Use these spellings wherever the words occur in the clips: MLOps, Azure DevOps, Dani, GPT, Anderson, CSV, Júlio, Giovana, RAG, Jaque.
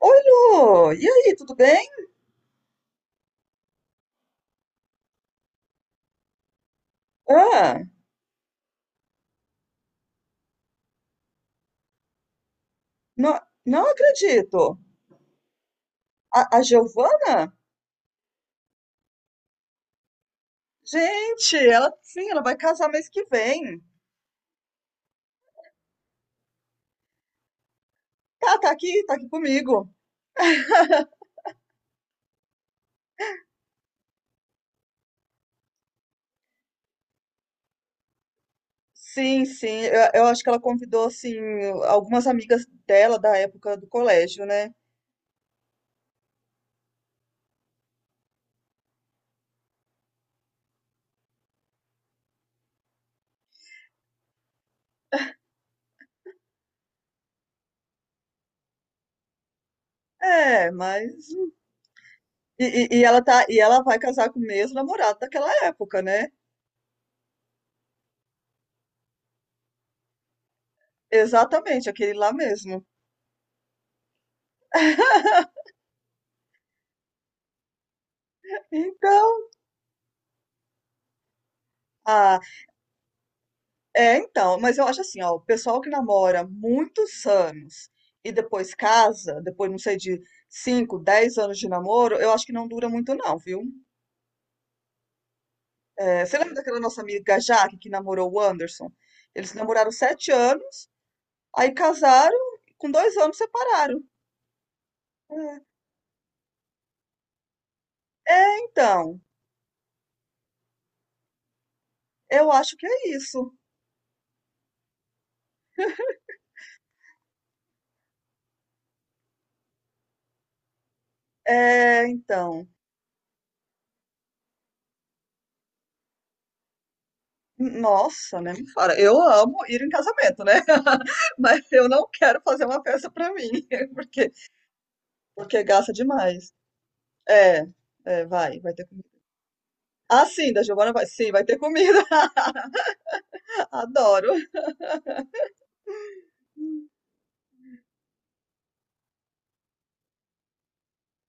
Oi, Lu! E aí, tudo bem? Ah, não, não acredito. A Giovana? Gente, ela sim, ela vai casar mês que vem. Tá, tá aqui comigo. Sim, sim, eu acho que ela convidou, assim, algumas amigas dela da época do colégio, né? É, mas. E, e ela vai casar com o mesmo namorado daquela época, né? Exatamente, aquele lá mesmo. Então. É, então, mas eu acho assim, ó, o pessoal que namora muitos anos e depois casa, depois, não sei, de 5, 10 anos de namoro, eu acho que não dura muito não, viu? É, você lembra daquela nossa amiga Jaque que namorou o Anderson? Eles namoraram 7 anos, aí casaram, com 2 anos separaram. É, é, então, eu acho que é isso. É, então. Nossa, né? Me fala. Eu amo ir em casamento, né? Mas eu não quero fazer uma festa pra mim, porque, porque gasta demais. É, é, vai ter comida. Ah, sim, da Giovana vai, sim, vai ter comida. Adoro.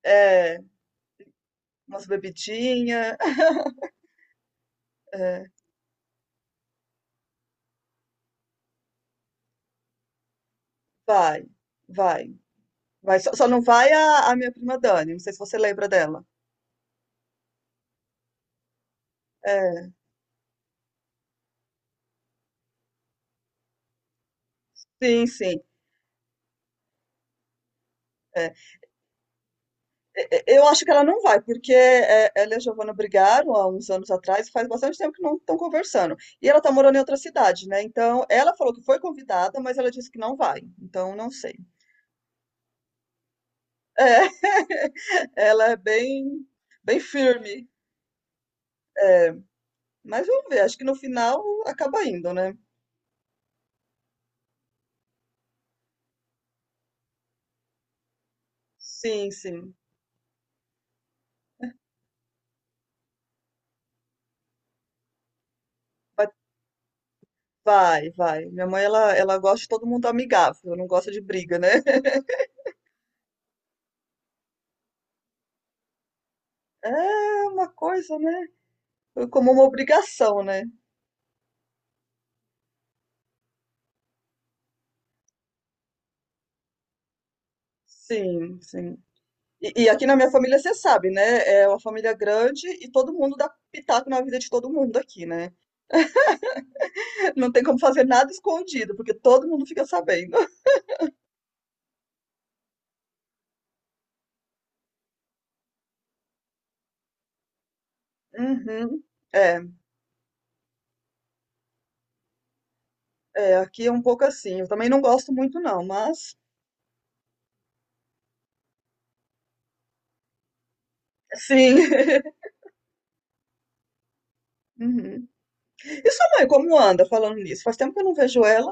É, umas bebidinhas. É, vai, vai, vai. Só não vai a minha prima Dani, não sei se você lembra dela. É, sim, sim. é. Eu acho que ela não vai, porque é, ela e a Giovana brigaram há uns anos atrás, faz bastante tempo que não estão conversando. E ela tá morando em outra cidade, né? Então, ela falou que foi convidada, mas ela disse que não vai. Então, não sei. É, ela é bem, bem firme. Mas vamos ver, acho que no final acaba indo, né? Sim, sim. Vai, vai. Vai. Minha mãe, ela gosta de todo mundo amigável, não gosta de briga, né? É uma coisa, né? Como uma obrigação, né? Sim, sim. E aqui na minha família, você sabe, né? É uma família grande e todo mundo dá pitaco na vida de todo mundo aqui, né? Não tem como fazer nada escondido, porque todo mundo fica sabendo. Uhum. É, é, aqui é um pouco assim. Eu também não gosto muito, não, mas sim. Uhum. E sua mãe, como anda falando nisso? Faz tempo que eu não vejo ela.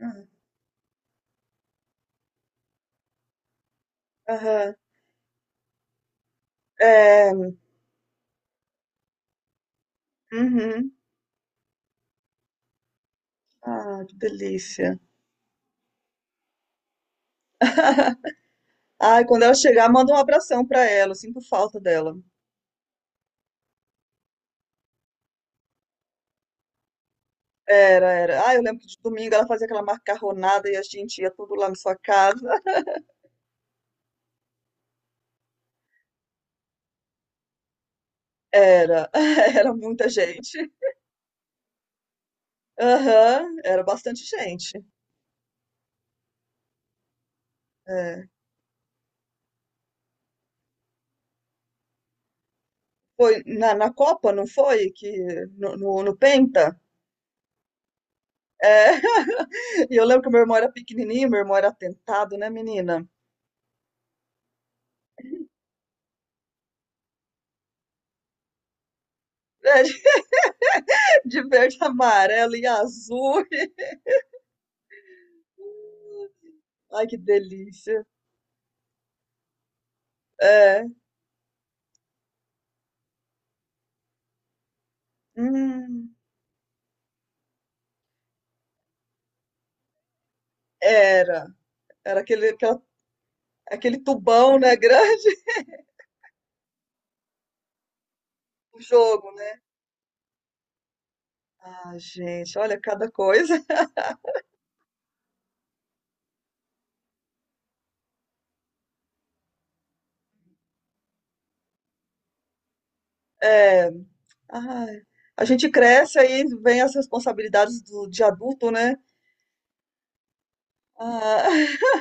Ah, Aham. É. Uhum. Ah, que delícia. Ai, quando ela chegar, manda um abração pra ela. Eu sinto falta dela. Era, era. Ah, eu lembro que de domingo ela fazia aquela macarronada e a gente ia tudo lá na sua casa. Era, era muita gente. Aham, era bastante gente. É. Foi na Copa, não foi? Que, no Penta? É. E eu lembro que meu irmão era pequenininho, meu irmão era atentado, né, menina? É, de verde, amarelo e azul. Ai, que delícia. É. Hum, era. Era aquele tubão, né? Grande o jogo, né? Ah, gente, olha cada coisa. É. Ai, a gente cresce aí vem as responsabilidades de adulto, né? Ah,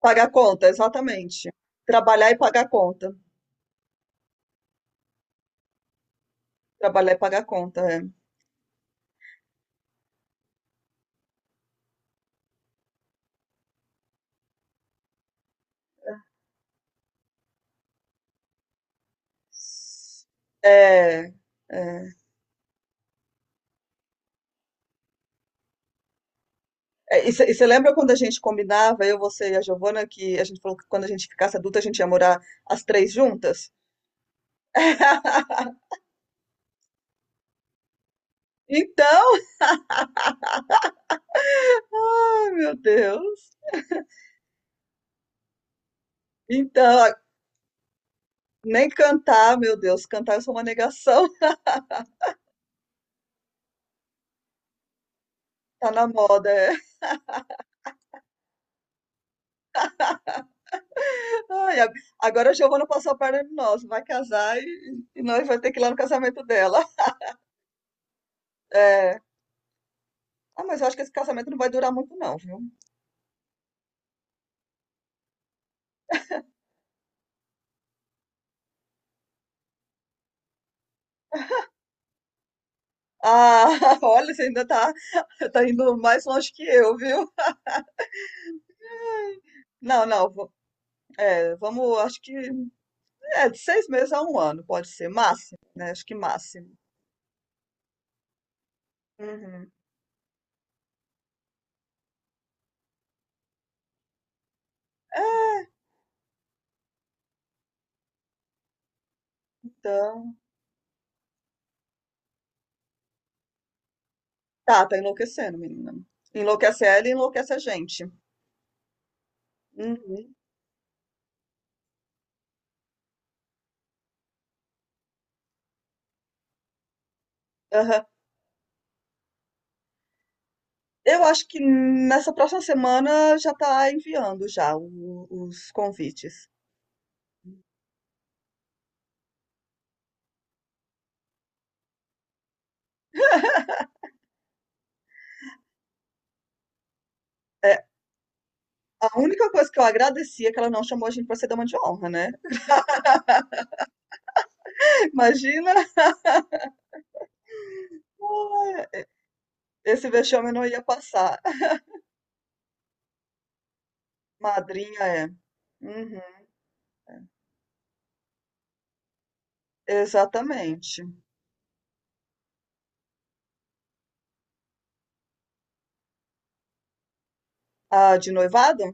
pagar conta, exatamente. Trabalhar e pagar conta. Trabalhar e pagar conta, é. É, é. É, e você lembra quando a gente combinava, eu, você e a Giovana, que a gente falou que quando a gente ficasse adulta a gente ia morar as três juntas? Então, ai meu Deus. Então, nem cantar, meu Deus, cantar eu sou uma negação. Tá na moda, é. Ai, agora a Giovana passou a perna de nós, vai casar e nós vai ter que ir lá no casamento dela. É. Ah, mas eu acho que esse casamento não vai durar muito, não, viu? Ah, olha, você ainda tá, tá indo mais longe que eu, viu? Não, não, é, vamos, acho que é de 6 meses a 1 ano, pode ser, máximo, né? Acho que máximo. Uhum. Então, tá enlouquecendo, menina. Enlouquece ela e enlouquece a gente. Uhum. Aham. Eu acho que nessa próxima semana já tá enviando já os convites. É, a única coisa que eu agradeci é que ela não chamou a gente pra ser dama de honra, né? Imagina, ah, esse vexame não ia passar. Madrinha é. Uhum. Exatamente. Ah, de noivado?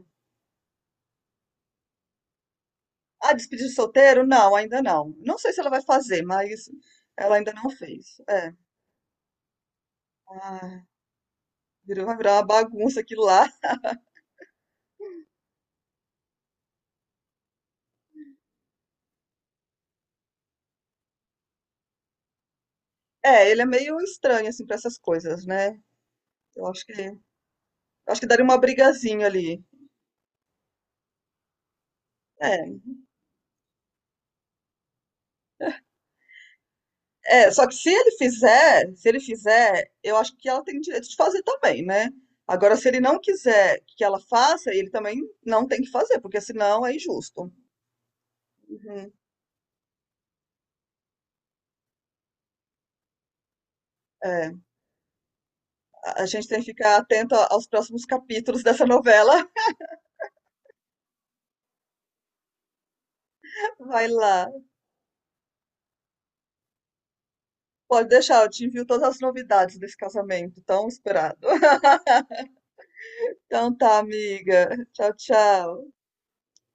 Ah, despedida de solteiro? Não, ainda não. Não sei se ela vai fazer, mas ela ainda não fez. É. Ah, virou, vai virar uma bagunça aquilo lá. É, ele é meio estranho, assim, pra essas coisas, né? Eu acho que daria uma brigazinha ali. É, é, só que se ele fizer, se ele fizer, eu acho que ela tem direito de fazer também, né? Agora, se ele não quiser que ela faça, ele também não tem que fazer, porque senão é injusto. Uhum. É, a gente tem que ficar atento aos próximos capítulos dessa novela. Vai lá. Pode deixar, eu te envio todas as novidades desse casamento tão esperado. Então tá, amiga. Tchau, tchau.